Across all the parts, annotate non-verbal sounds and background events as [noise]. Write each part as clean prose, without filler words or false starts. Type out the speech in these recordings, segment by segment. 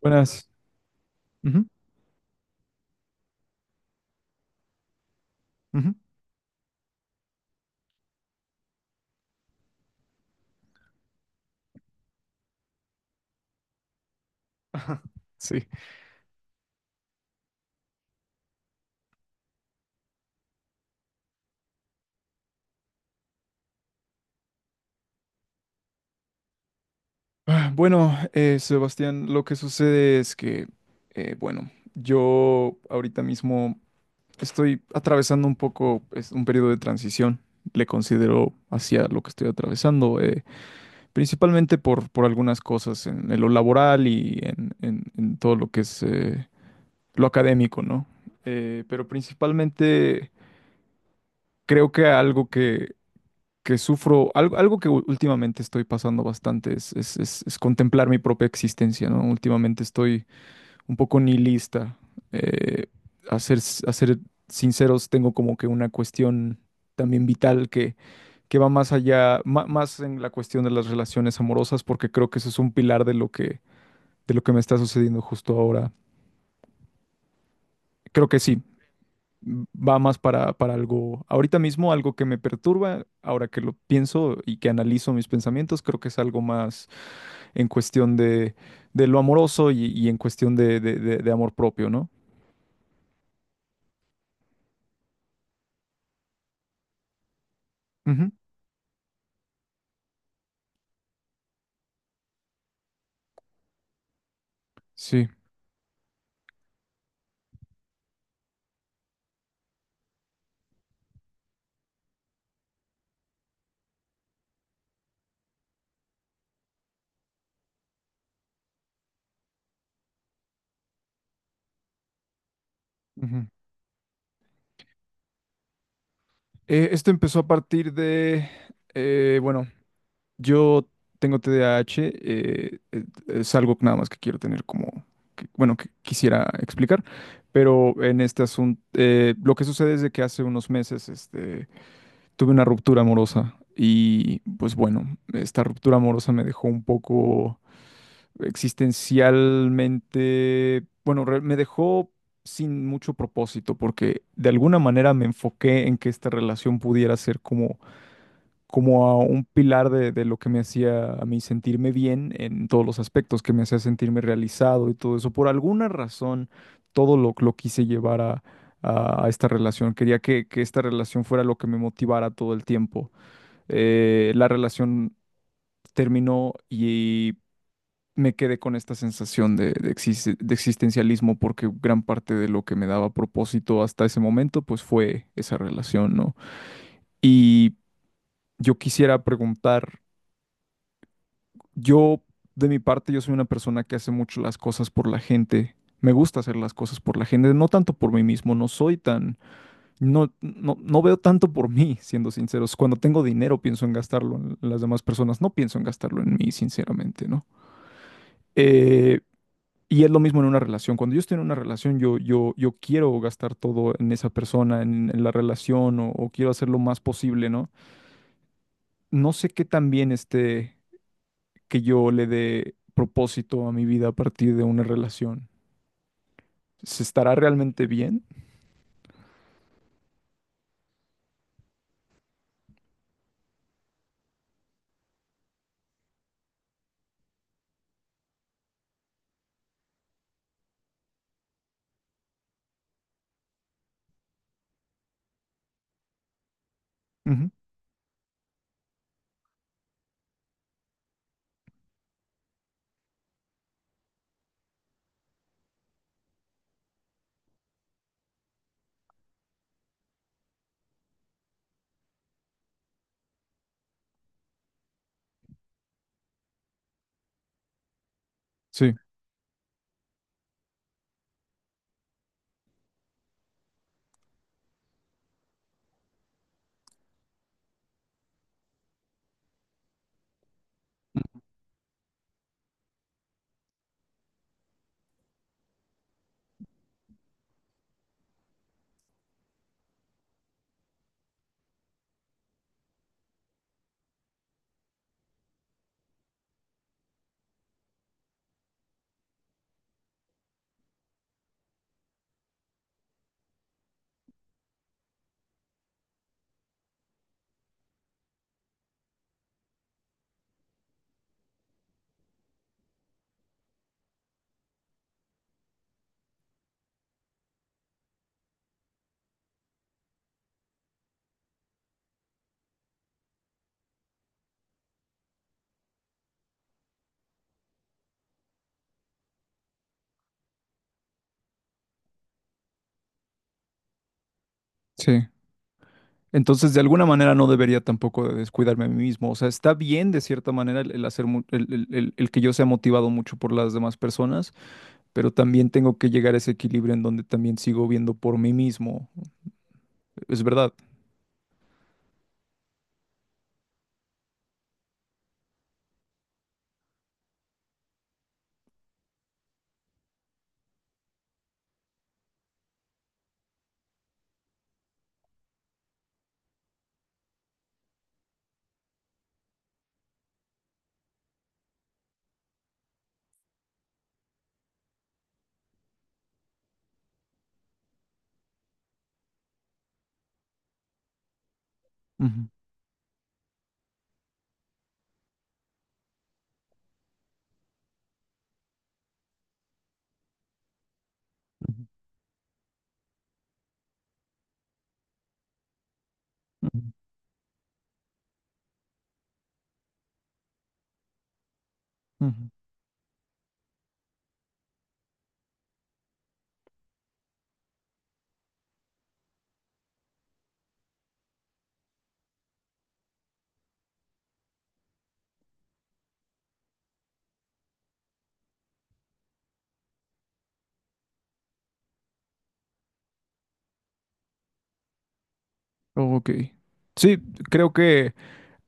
Buenas. Ujú, ujú. [laughs] Sí. Bueno, Sebastián, lo que sucede es que, eh, bueno, yo ahorita mismo estoy atravesando un poco es un periodo de transición, le considero hacia lo que estoy atravesando, principalmente por algunas cosas en lo laboral y en todo lo que es lo académico, ¿no? Pero principalmente creo que algo que sufro, algo que últimamente estoy pasando bastante es contemplar mi propia existencia, ¿no? Últimamente estoy un poco nihilista. eh, a ser sinceros, tengo como que una cuestión también vital que va más allá, más en la cuestión de las relaciones amorosas, porque creo que eso es un pilar de lo que me está sucediendo justo ahora. Creo que sí, va más para algo, ahorita mismo algo que me perturba, ahora que lo pienso y que analizo mis pensamientos, creo que es algo más en cuestión de lo amoroso y en cuestión de amor propio, ¿no? Ujú. Sí. Ujú. Esto empezó a partir de, eh, bueno, yo tengo TDAH, es algo nada más que quiero tener como, que quisiera explicar, pero en este asunto, lo que sucede es de que hace unos meses, este... Tuve una ruptura amorosa y pues bueno, esta ruptura amorosa me dejó un poco existencialmente, bueno, me dejó sin mucho propósito porque de alguna manera me enfoqué en que esta relación pudiera ser como a un pilar de lo que me hacía a mí sentirme bien en todos los aspectos, que me hacía sentirme realizado y todo eso. Por alguna razón, todo lo quise llevar a esta relación. Quería que esta relación fuera lo que me motivara todo el tiempo. La relación terminó y me quedé con esta sensación de existencialismo porque gran parte de lo que me daba propósito hasta ese momento pues fue esa relación, ¿no? Y yo quisiera preguntar, yo de mi parte yo soy una persona que hace mucho las cosas por la gente. Me gusta hacer las cosas por la gente, no tanto por mí mismo, no soy tan, no, no, no veo tanto por mí, siendo sinceros. Cuando tengo dinero pienso en gastarlo en las demás personas, no pienso en gastarlo en mí, sinceramente, ¿no? Eh, y es lo mismo en una relación. Cuando yo estoy en una relación, yo quiero gastar todo en esa persona, en la relación, o quiero hacer lo más posible, ¿no? No sé qué tan bien esté que yo le dé propósito a mi vida a partir de una relación. ¿Se estará realmente bien? Ujú. Sí, sí. Entonces, de alguna manera no debería tampoco de descuidarme a mí mismo. O sea, está bien de cierta manera el hacer mu- el que yo sea motivado mucho por las demás personas, pero también tengo que llegar a ese equilibrio en donde también sigo viendo por mí mismo. Es verdad. Ujú, ujú, ujú, ujú. Ok. Sí, creo que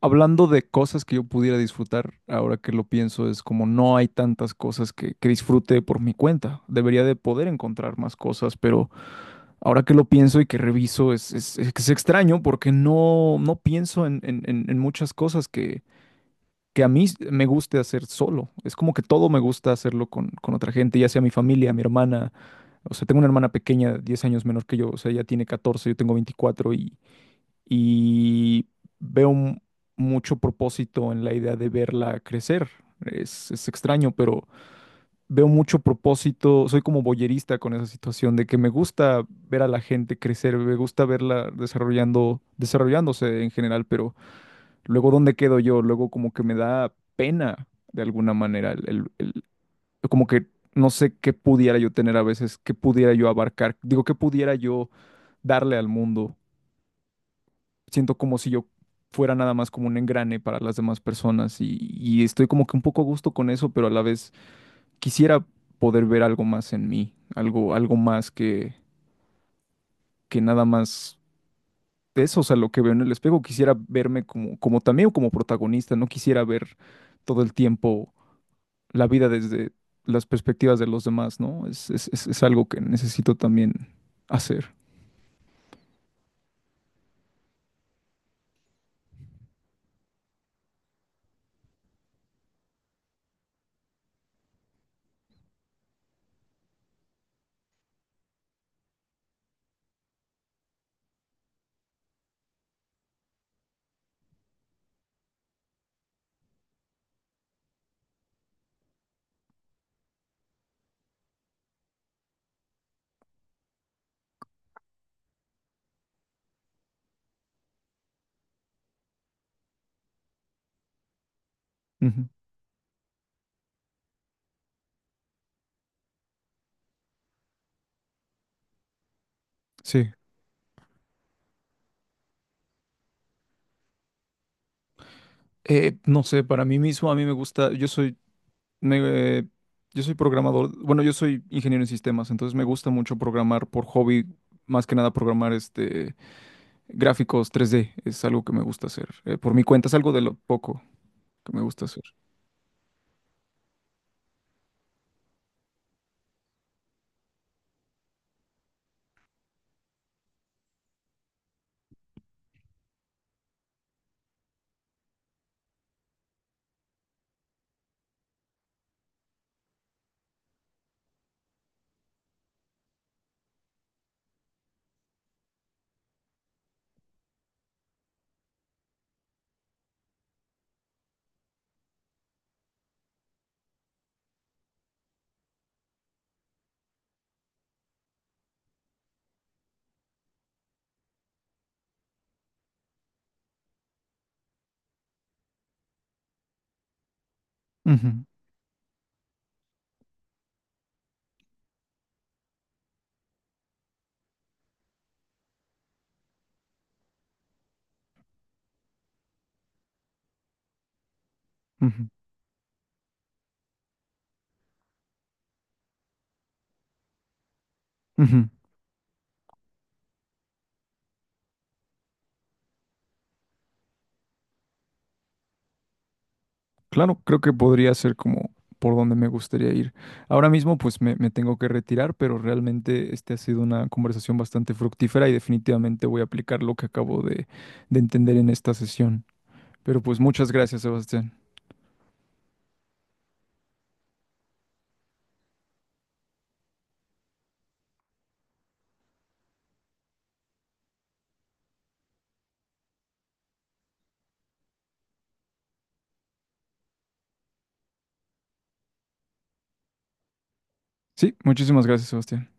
hablando de cosas que yo pudiera disfrutar, ahora que lo pienso, es como no hay tantas cosas que disfrute por mi cuenta. Debería de poder encontrar más cosas, pero ahora que lo pienso y que reviso, es extraño porque no pienso en muchas cosas que a mí me guste hacer solo. Es como que todo me gusta hacerlo con otra gente, ya sea mi familia, mi hermana. O sea, tengo una hermana pequeña, 10 años menor que yo, o sea, ella tiene 14, yo tengo 24, y veo mucho propósito en la idea de verla crecer. Es extraño, pero veo mucho propósito, soy como boyerista con esa situación de que me gusta ver a la gente crecer, me gusta verla desarrollando, desarrollándose en general, pero luego ¿dónde quedo yo? Luego como que me da pena de alguna manera, como que no sé qué pudiera yo tener a veces, qué pudiera yo abarcar, digo, qué pudiera yo darle al mundo. Siento como si yo fuera nada más como un engrane para las demás personas y estoy como que un poco a gusto con eso, pero a la vez quisiera poder ver algo más en mí, algo más que nada más de eso, o sea, lo que veo en el espejo, quisiera verme como también como protagonista, no quisiera ver todo el tiempo la vida desde las perspectivas de los demás, ¿no? Es algo que necesito también hacer. Ujú. Sí. No sé, para mí mismo, a mí me gusta, me, eh, yo soy programador, bueno, yo soy ingeniero en sistemas, entonces me gusta mucho programar por hobby, más que nada programar gráficos 3D es algo que me gusta hacer. Por mi cuenta es algo de lo poco que me gusta hacer. Ujú, ujú, ujú. Claro, creo que podría ser como por donde me gustaría ir. Ahora mismo pues me tengo que retirar, pero realmente este ha sido una conversación bastante fructífera y definitivamente voy a aplicar lo que acabo de entender en esta sesión. Pero pues muchas gracias, Sebastián. Sí, muchísimas gracias, Sebastián.